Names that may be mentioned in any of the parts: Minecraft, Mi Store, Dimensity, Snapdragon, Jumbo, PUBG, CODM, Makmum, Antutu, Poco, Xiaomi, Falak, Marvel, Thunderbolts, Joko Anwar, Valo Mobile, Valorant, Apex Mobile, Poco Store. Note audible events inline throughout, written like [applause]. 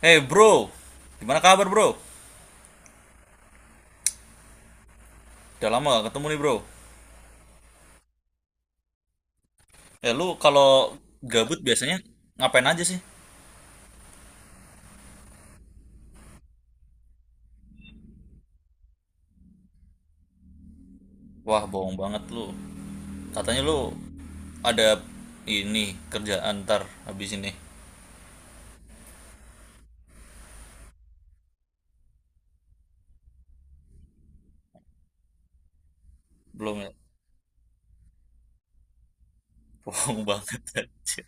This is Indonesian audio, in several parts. Hey bro, gimana kabar bro? Udah lama gak ketemu nih bro. Eh, lu kalau gabut biasanya ngapain aja sih? Wah, bohong banget lu. Katanya lu ada ini kerjaan ntar habis ini. Belum ya? Bohong [laughs] banget anjir.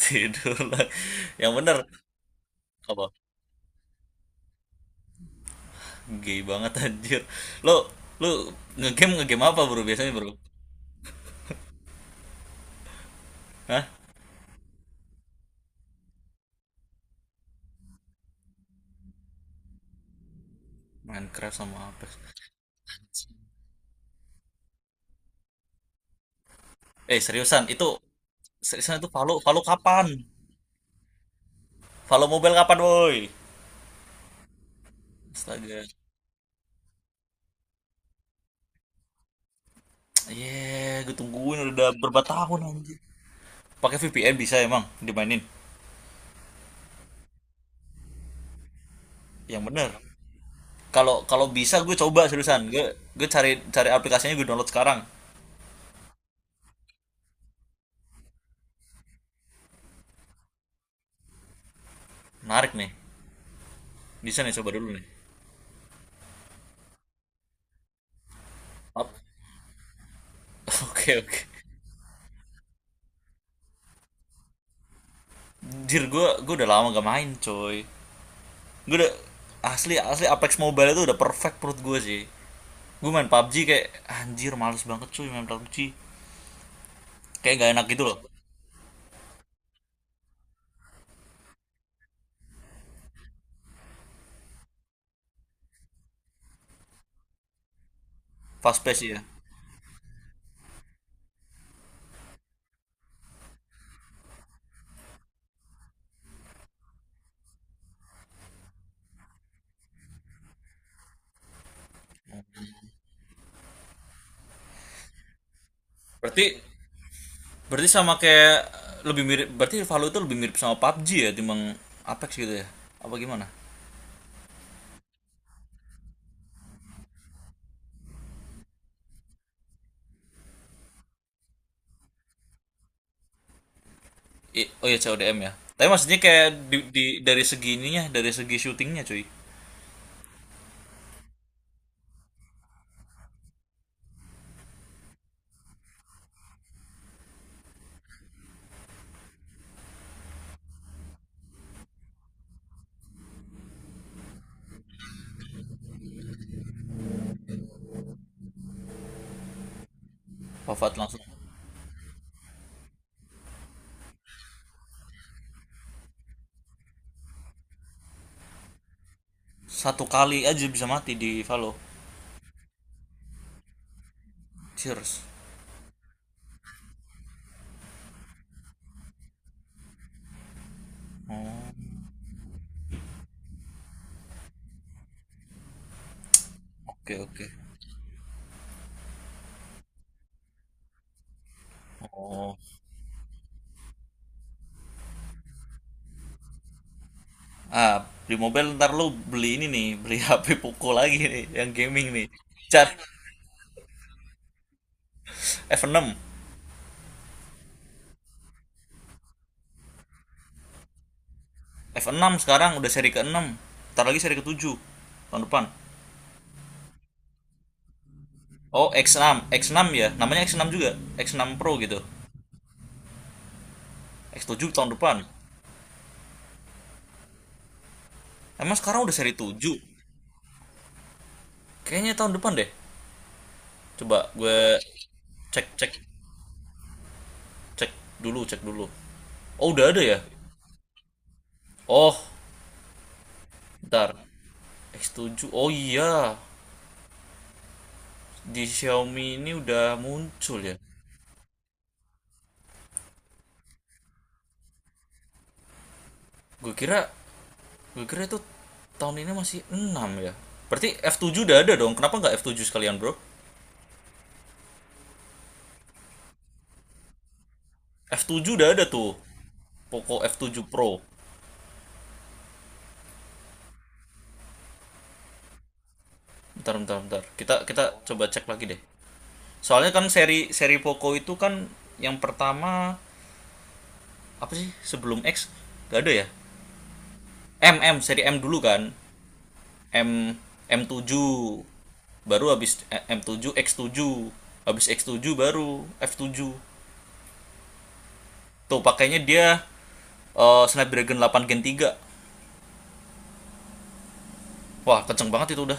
Tidur lah. Yang bener apa? Gay banget anjir. Lu lu ngegame ngegame apa bro biasanya bro? Hah? Minecraft sama apa? Eh, seriusan itu Valo Valo kapan? Valo Mobile kapan woi? Astaga. Iya, gue tungguin udah berapa tahun anjir. Pakai VPN bisa emang dimainin. Yang bener. Kalau kalau bisa gue coba seriusan. Gue cari cari aplikasinya, gue download sekarang. Menarik nih. Bisa nih coba dulu nih. Ap- [laughs] Oke, oke. Anjir, gue udah lama gak main coy. Gue udah, asli asli Apex Mobile itu udah perfect menurut gue sih. Gue main PUBG kayak anjir males banget cuy main PUBG. Kayak gak enak gitu loh. Fast pace ya. Berarti Berarti sama kayak, lebih mirip, berarti Valorant itu lebih mirip sama PUBG ya, timbang Apex gitu ya. Apa gimana? Oh ya, C O D M ya. Tapi maksudnya kayak, dari segi ininya, dari segi syutingnya cuy. Wafat langsung. Satu kali aja bisa mati di Valo. Cheers. Oke, oke. Oh. Ah, di mobile ntar lu beli ini nih, beli [laughs] HP Poco lagi nih, yang gaming nih. Cat, f enam. F enam sekarang udah seri ke enam, ntar lagi seri ke-7 tahun depan. Oh, x enam. X enam ya. Namanya x enam juga. X enam Pro gitu. X tujuh tahun depan. Emang sekarang udah seri tujuh. Kayaknya tahun depan deh. Coba gue cek cek cek dulu, cek dulu. Oh, udah ada ya? Oh, bentar. X tujuh. Oh iya. Di Xiaomi ini udah muncul ya. Gue kira gue kira itu tahun ini masih 6 ya. Berarti f tujuh udah ada dong. Kenapa nggak f tujuh sekalian, Bro? F tujuh udah ada tuh. Poco f tujuh Pro. Bentar, bentar, bentar. Kita kita coba cek lagi deh. Soalnya kan seri seri Poco itu kan, yang pertama apa sih sebelum X, gak ada ya? M M seri M dulu kan. M, M7 baru, habis M7 X7, habis X7 baru F7 tuh pakainya dia, Snapdragon 8 Gen 3. Wah kenceng banget itu, udah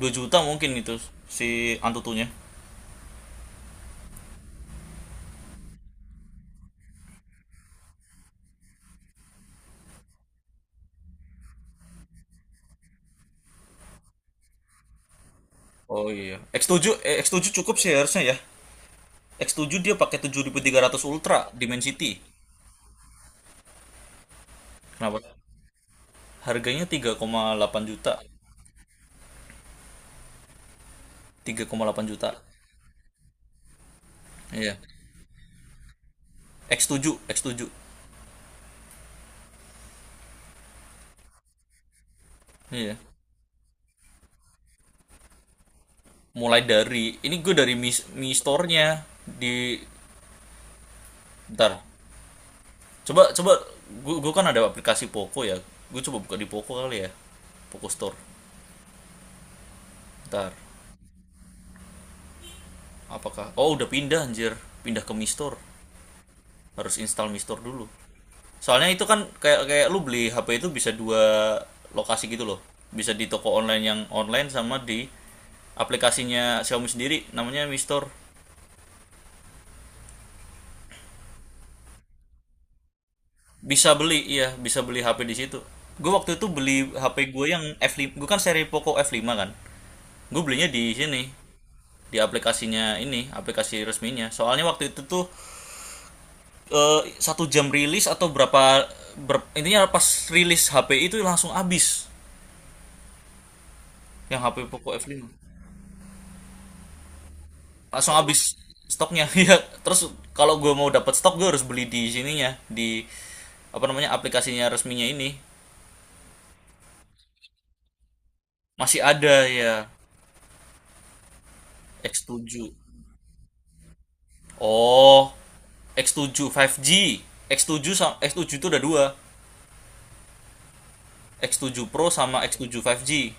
2 juta mungkin itu si Antutunya. Oh iya, X7, X7 cukup sih harusnya ya. X7 dia pakai 7300 Ultra Dimensity. Kenapa? Harganya tiga koma delapan juta. Tiga koma delapan juta. Iya. X7, X7. Iya. Mulai dari ini gue dari Mi, Mi Store-nya di, ntar. Coba coba gue kan ada aplikasi Poco ya. Gue coba buka di Poco kali ya. Poco Store. Ntar. Oh, udah pindah anjir. Pindah ke Mi Store. Harus install Mi Store dulu. Soalnya itu kan kayak kayak lu beli HP itu bisa dua lokasi gitu loh. Bisa di toko online yang online, sama di aplikasinya Xiaomi sendiri, namanya Mistor. Bisa beli, iya bisa beli HP di situ. Gue waktu itu beli HP gue yang f lima, gue kan seri Poco f lima kan, gue belinya di sini, di aplikasinya ini, aplikasi resminya. Soalnya waktu itu tuh, satu jam rilis atau berapa, intinya pas rilis HP itu langsung habis, yang HP Poco f lima langsung habis stoknya ya. [laughs] Terus kalau gue mau dapat stok, gue harus beli di sininya, di apa namanya, aplikasinya resminya ini, masih ada ya. X tujuh. Oh, x tujuh 5G. X tujuh sama x tujuh itu ada dua. X tujuh Pro sama x tujuh 5G.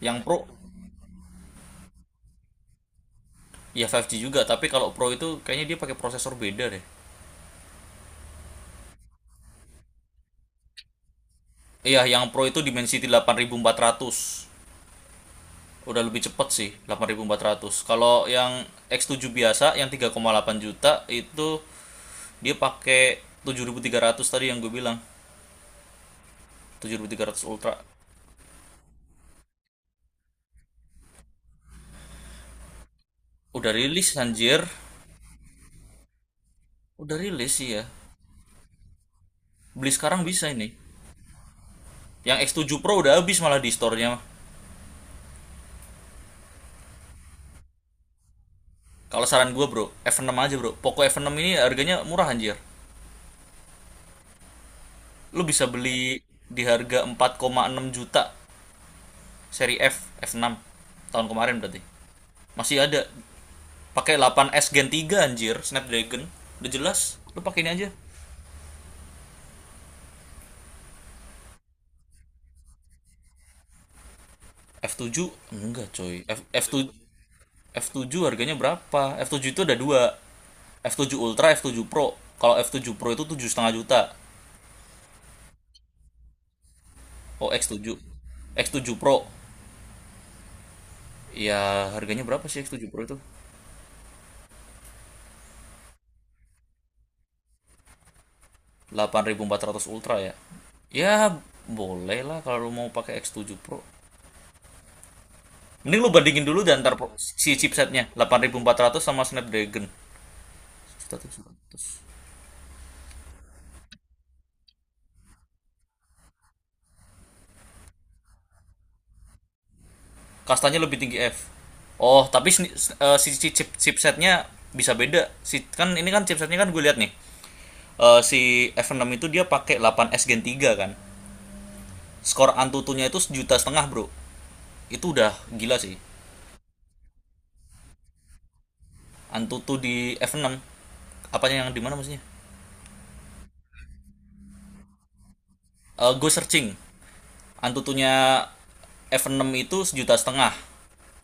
Yang Pro ya 5G juga, tapi kalau Pro itu kayaknya dia pakai prosesor beda deh. Iya, yang Pro itu Dimensity 8400. Udah lebih cepet sih, 8400. Kalau yang x tujuh biasa yang tiga koma delapan juta itu dia pakai 7300 tadi yang gue bilang. 7300 Ultra. Udah rilis anjir. Udah rilis sih ya. Beli sekarang bisa ini. Yang X7 Pro udah habis malah di store-nya. Kalau saran gue bro, F6 aja bro. Poco F6 ini harganya murah anjir. Lu bisa beli di harga 4,6 juta seri F, F6. Tahun kemarin berarti. Masih ada. Pakai 8S Gen 3 anjir, Snapdragon. Udah jelas, lu pakai ini aja. F7 enggak coy. F, F7 harganya berapa? F7 itu ada dua. F7 Ultra, F7 Pro. Kalau F7 Pro itu 7,5 juta. Oh, X7. X7 Pro. Ya, harganya berapa sih X7 Pro itu? Delapan ribu empat ratus Ultra ya. Ya, boleh lah kalau lu mau pakai X7 Pro. Mending lu bandingin dulu, dan ntar si chipsetnya delapan ribu empat ratus sama Snapdragon 1100. Kastanya lebih tinggi F. Oh, tapi si chipsetnya bisa beda. Si kan ini kan chipsetnya kan gue lihat nih. Eh, si F6 itu dia pakai 8S Gen 3 kan. Skor Antutunya itu sejuta setengah, Bro. Itu udah gila sih. Antutu di F6 apanya yang di mana maksudnya. Eh, go searching. Antutunya F6 itu sejuta setengah.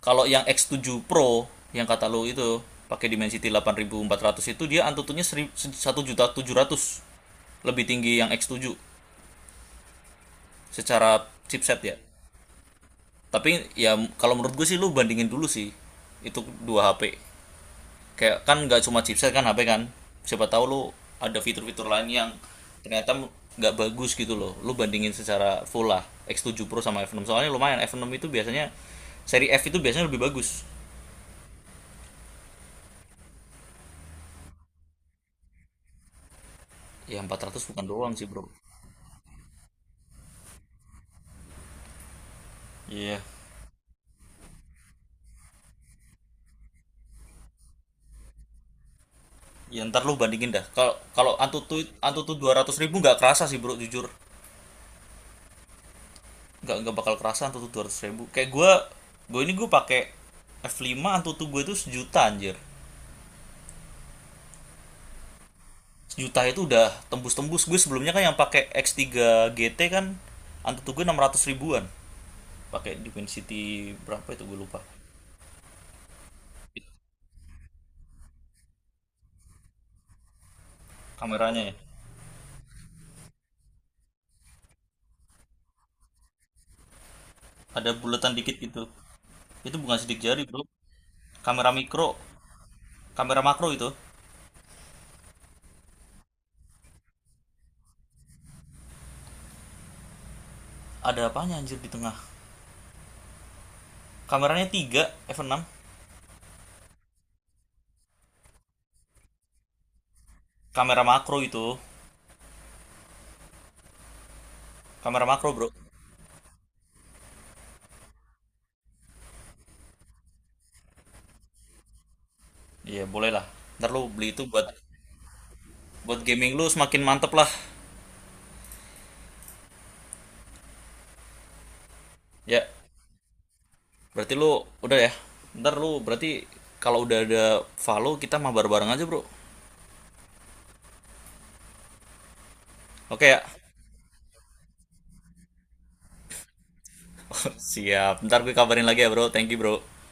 Kalau yang X7 Pro yang kata lo itu pakai Dimensity 8400, itu dia Antutunya 1.700, lebih tinggi yang X7 secara chipset ya. Tapi ya kalau menurut gue sih, lu bandingin dulu sih itu dua HP. Kayak kan nggak cuma chipset kan HP kan, siapa tahu lo ada fitur-fitur lain yang ternyata nggak bagus gitu loh. Lo bandingin secara full lah X7 Pro sama F6, soalnya lumayan F6 itu biasanya, seri F itu biasanya lebih bagus. Ya 400 bukan doang sih bro. Iya. Yeah. Ya ntar lo bandingin dah, kalau kalau antutu antutu 200 ribu nggak kerasa sih bro jujur, nggak bakal kerasa antutu 200 ribu kayak gue. Gue ini gue pakai F5, antutu gue itu sejuta anjir. Sejuta itu udah tembus-tembus. Gue sebelumnya kan yang pakai X3 GT kan, antutu tuh gue 600 ribuan, pakai Dimensity berapa itu gue lupa. Kameranya ya, ada buletan dikit gitu. Itu bukan sidik jari bro, kamera mikro, kamera makro itu. Ada apanya anjir di tengah, kameranya 3 f enam. Kamera makro itu, kamera makro bro. Iya boleh lah, ntar lo beli itu buat buat gaming lo semakin mantep lah ya. Berarti lu udah ya. Ntar lu berarti kalau udah ada follow kita mabar bareng aja, Bro. Oke ya. [laughs] Siap. Ntar gue kabarin lagi ya, Bro. Thank you, Bro.